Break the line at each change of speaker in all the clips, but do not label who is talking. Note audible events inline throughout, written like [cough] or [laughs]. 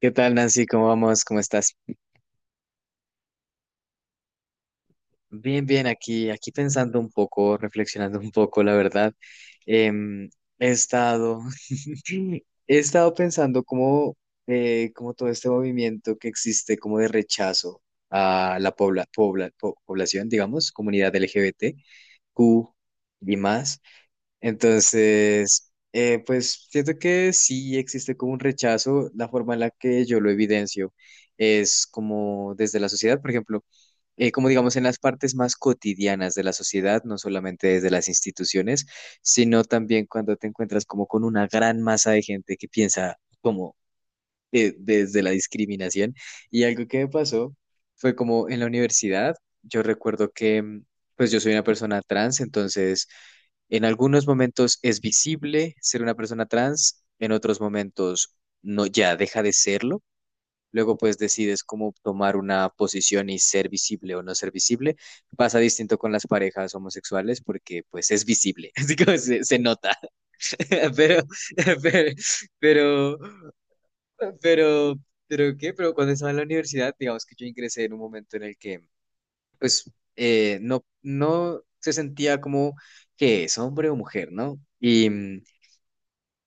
¿Qué tal, Nancy? ¿Cómo vamos? ¿Cómo estás? Bien, bien, aquí, aquí pensando un poco, reflexionando un poco, la verdad. Em, he estado, [laughs] he estado pensando cómo, cómo todo este movimiento que existe como de rechazo a la población, digamos, comunidad LGBTQ y más. Entonces, pues siento que sí existe como un rechazo, la forma en la que yo lo evidencio es como desde la sociedad, por ejemplo. Como digamos, en las partes más cotidianas de la sociedad, no solamente desde las instituciones, sino también cuando te encuentras como con una gran masa de gente que piensa como desde la discriminación. Y algo que me pasó fue como en la universidad, yo recuerdo que pues yo soy una persona trans, entonces en algunos momentos es visible ser una persona trans, en otros momentos no, ya deja de serlo. Luego pues decides cómo tomar una posición y ser visible o no ser visible. Pasa distinto con las parejas homosexuales porque pues es visible, [laughs] así que se nota. [laughs] Pero, pero, pero, pero, pero, ¿qué? Pero cuando estaba en la universidad, digamos que yo ingresé en un momento en el que pues no se sentía como que es hombre o mujer, ¿no? Y, mm,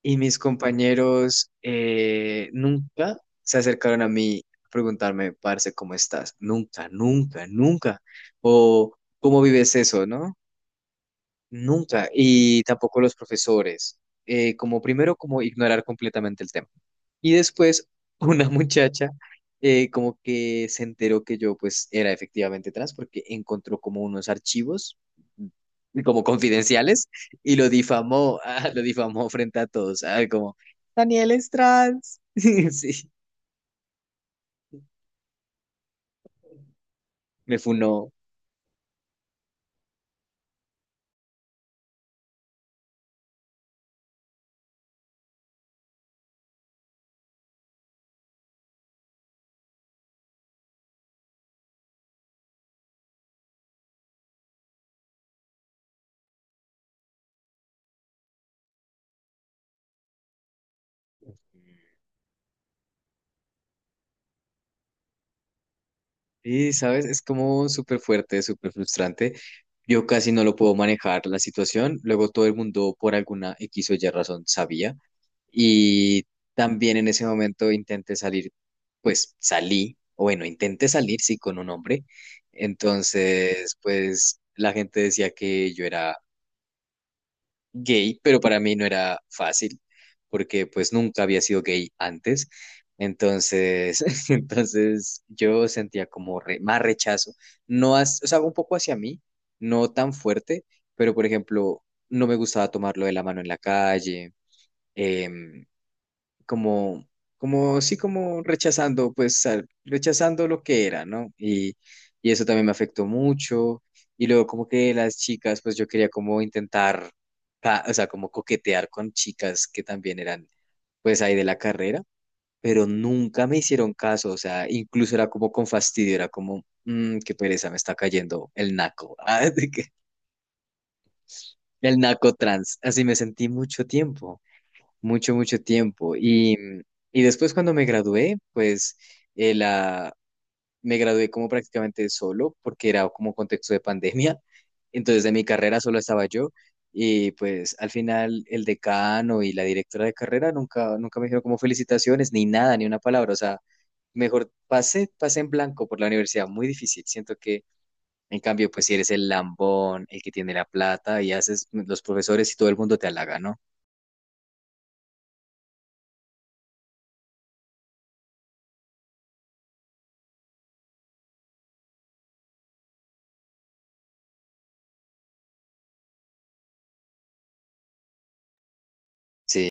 y mis compañeros nunca se acercaron a mí a preguntarme, parce, ¿cómo estás? Nunca, nunca, nunca. O, ¿cómo vives eso, no? Nunca. Y tampoco los profesores. Como primero, como ignorar completamente el tema. Y después [laughs] una muchacha como que se enteró que yo pues era efectivamente trans porque encontró como unos archivos como confidenciales y lo difamó, [laughs] ah, lo difamó frente a todos, ah, como Daniel es trans. [laughs] Sí, me funó. Sí, sabes, es como súper fuerte, súper frustrante. Yo casi no lo puedo manejar la situación. Luego todo el mundo por alguna X o Y razón sabía. Y también en ese momento intenté salir, pues salí, o bueno, intenté salir, sí, con un hombre. Entonces, pues la gente decía que yo era gay, pero para mí no era fácil, porque pues nunca había sido gay antes. Entonces, [laughs] entonces yo sentía como más rechazo, no, o sea, un poco hacia mí, no tan fuerte, pero por ejemplo, no me gustaba tomarlo de la mano en la calle, em, como, sí, como rechazando, pues, rechazando lo que era, ¿no? Y eso también me afectó mucho. Y luego como que las chicas, pues yo quería como intentar, o sea, como coquetear con chicas que también eran, pues, ahí de la carrera, pero nunca me hicieron caso, o sea, incluso era como con fastidio, era como, "Mm, qué pereza, me está cayendo el naco, [laughs] ah, de que- el naco trans, así me sentí mucho tiempo mucho, mucho tiempo. Y después cuando me gradué, pues eh, la, me gradué como prácticamente solo, porque era como contexto de pandemia. Entonces de mi carrera solo estaba yo. Y pues al final el decano y la directora de carrera nunca, nunca me dijeron como felicitaciones, ni nada, ni una palabra. O sea, mejor pasé en blanco por la universidad. Muy difícil. Siento que en cambio, pues si eres el lambón, el que tiene la plata y haces los profesores y todo el mundo te halaga, ¿no? Sí,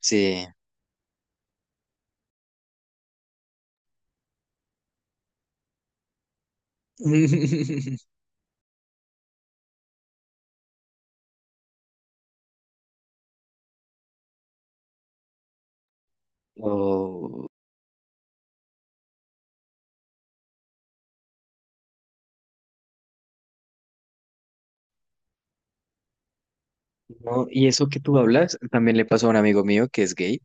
sí. [laughs] Oh, no, y eso que tú hablas también le pasó a un amigo mío que es gay.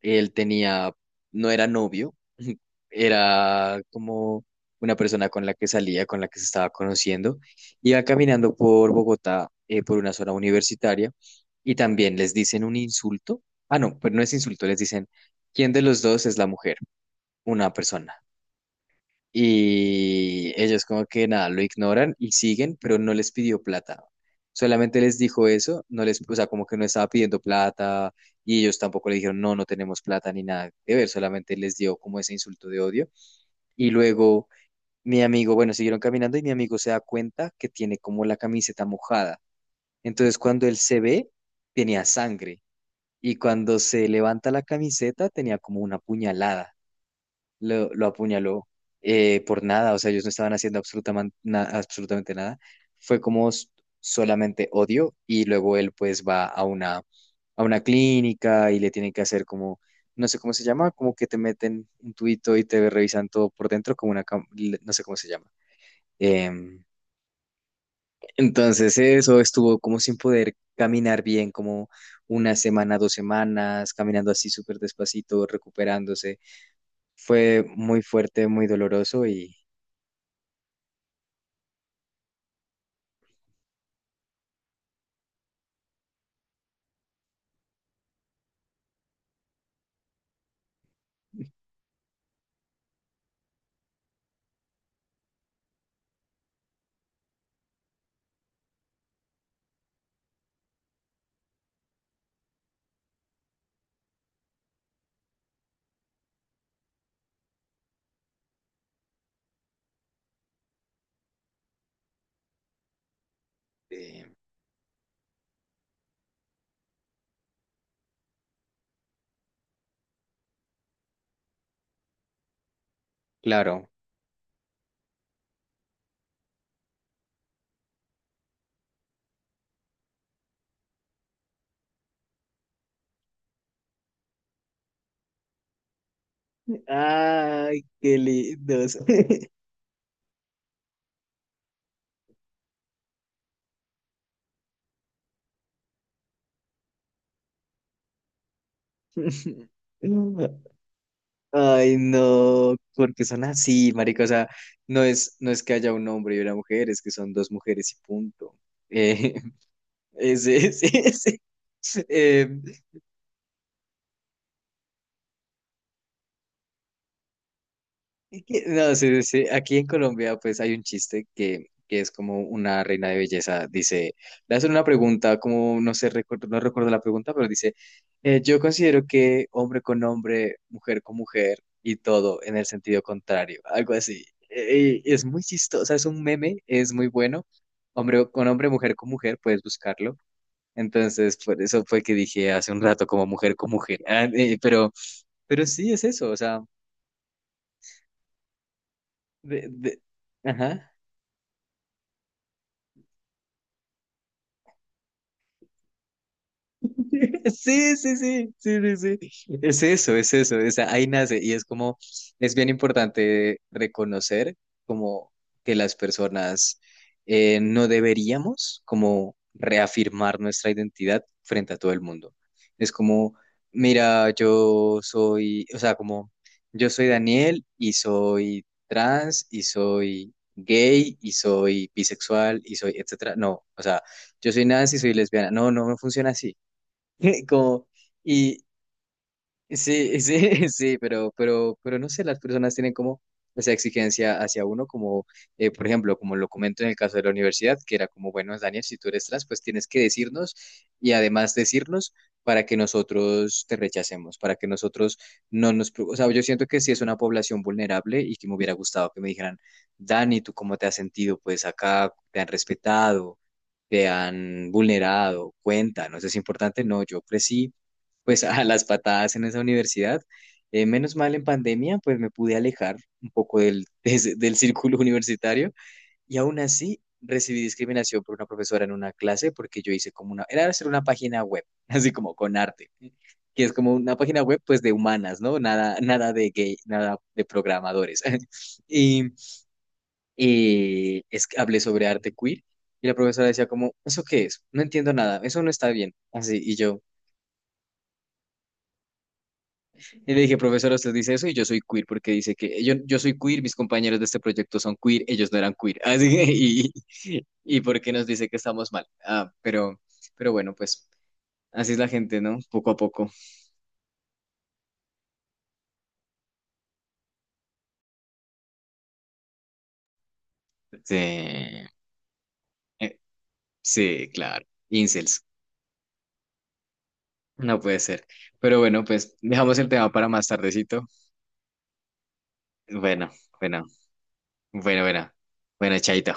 Él tenía, no era novio, [laughs] era como una persona con la que salía, con la que se estaba conociendo. Iba caminando por Bogotá, por una zona universitaria, y también les dicen un insulto. Ah, no, pero no es insulto, les dicen, ¿quién de los dos es la mujer? Una persona. Y ellos como que nada, lo ignoran y siguen, pero no les pidió plata. Solamente les dijo eso, no les, o sea, como que no estaba pidiendo plata y ellos tampoco le dijeron, no, no tenemos plata ni nada que ver, solamente les dio como ese insulto de odio. Y luego mi amigo, bueno, siguieron caminando y mi amigo se da cuenta que tiene como la camiseta mojada. Entonces cuando él se ve, tenía sangre y cuando se levanta la camiseta tenía como una puñalada lo apuñaló por nada, o sea, ellos no estaban haciendo absolutamente, absolutamente nada, fue como solamente odio y luego él pues va a una clínica y le tienen que hacer como, no sé cómo se llama, como que te meten un tubito y te revisan todo por dentro como una, no sé cómo se llama. Em, entonces eso estuvo como sin poder caminar bien, como una semana, dos semanas, caminando así súper despacito, recuperándose. Fue muy fuerte, muy doloroso. Eh, claro. Ay, qué lindos. [laughs] Ay, no, porque son así, marica. O sea, no es, no es que haya un hombre y una mujer, es que son dos mujeres y punto. Eh, [laughs] ese, ese, ese. eh, Es que- No, sí, sí, sí. Aquí en Colombia, pues hay un chiste que es como una reina de belleza. Dice, le hacen una pregunta, como no sé, no recuerdo la pregunta, pero dice, yo considero que hombre con hombre, mujer con mujer y todo en el sentido contrario, algo así. Y es muy chistoso, es un meme, es muy bueno. Hombre con hombre, mujer con mujer, puedes buscarlo. Entonces, por eso fue que dije hace un rato como mujer con mujer. Ah, pero sí es eso, o sea, de, de- ajá. [laughs] Sí, sí, sí, sí, sí, sí. [laughs] Es eso, es eso, es, ahí nace y es como, es bien importante reconocer como que las personas no deberíamos como reafirmar nuestra identidad frente a todo el mundo. Es como, mira, yo soy, o sea, como, yo soy Daniel y soy trans y soy gay y soy bisexual y soy, etcétera. No, o sea, yo soy Nancy y soy lesbiana. No, no, no funciona así. [laughs] Como, y sí, sí, [laughs] sí, pero no sé, las personas tienen como esa exigencia hacia uno, como, por ejemplo, como lo comento en el caso de la universidad, que era como, bueno, Daniel, si tú eres trans, pues tienes que decirnos y además decirnos para que nosotros te rechacemos, para que nosotros no nos... pro- O sea, yo siento que sí es una población vulnerable y que me hubiera gustado que me dijeran, Dani, ¿tú cómo te has sentido? Pues acá te han respetado, te han vulnerado, cuenta, no es importante, no, yo crecí pues a las patadas en esa universidad. Menos mal en pandemia, pues me pude alejar un poco del, [laughs] del círculo universitario y aún así recibí discriminación por una profesora en una clase porque yo hice como una, era hacer una página web, [laughs] así como con arte, que es como una página web pues de humanas, ¿no? Nada, nada de gay, nada de programadores. [laughs] Y, y es que hablé sobre arte queer y la profesora decía como, ¿eso qué es? No entiendo nada, eso no está bien. Así, y yo... Y le dije, profesora, usted dice eso y yo soy queer porque dice que yo soy queer, mis compañeros de este proyecto son queer, ellos no eran queer. [laughs] Así que, y porque nos dice que estamos mal. Ah, pero bueno, pues así es la gente, ¿no? Poco a poco. Sí, sí, claro. Incels. No puede ser. Pero bueno, pues dejamos el tema para más tardecito. Bueno, bueno, bueno, bueno. Bueno, chaito.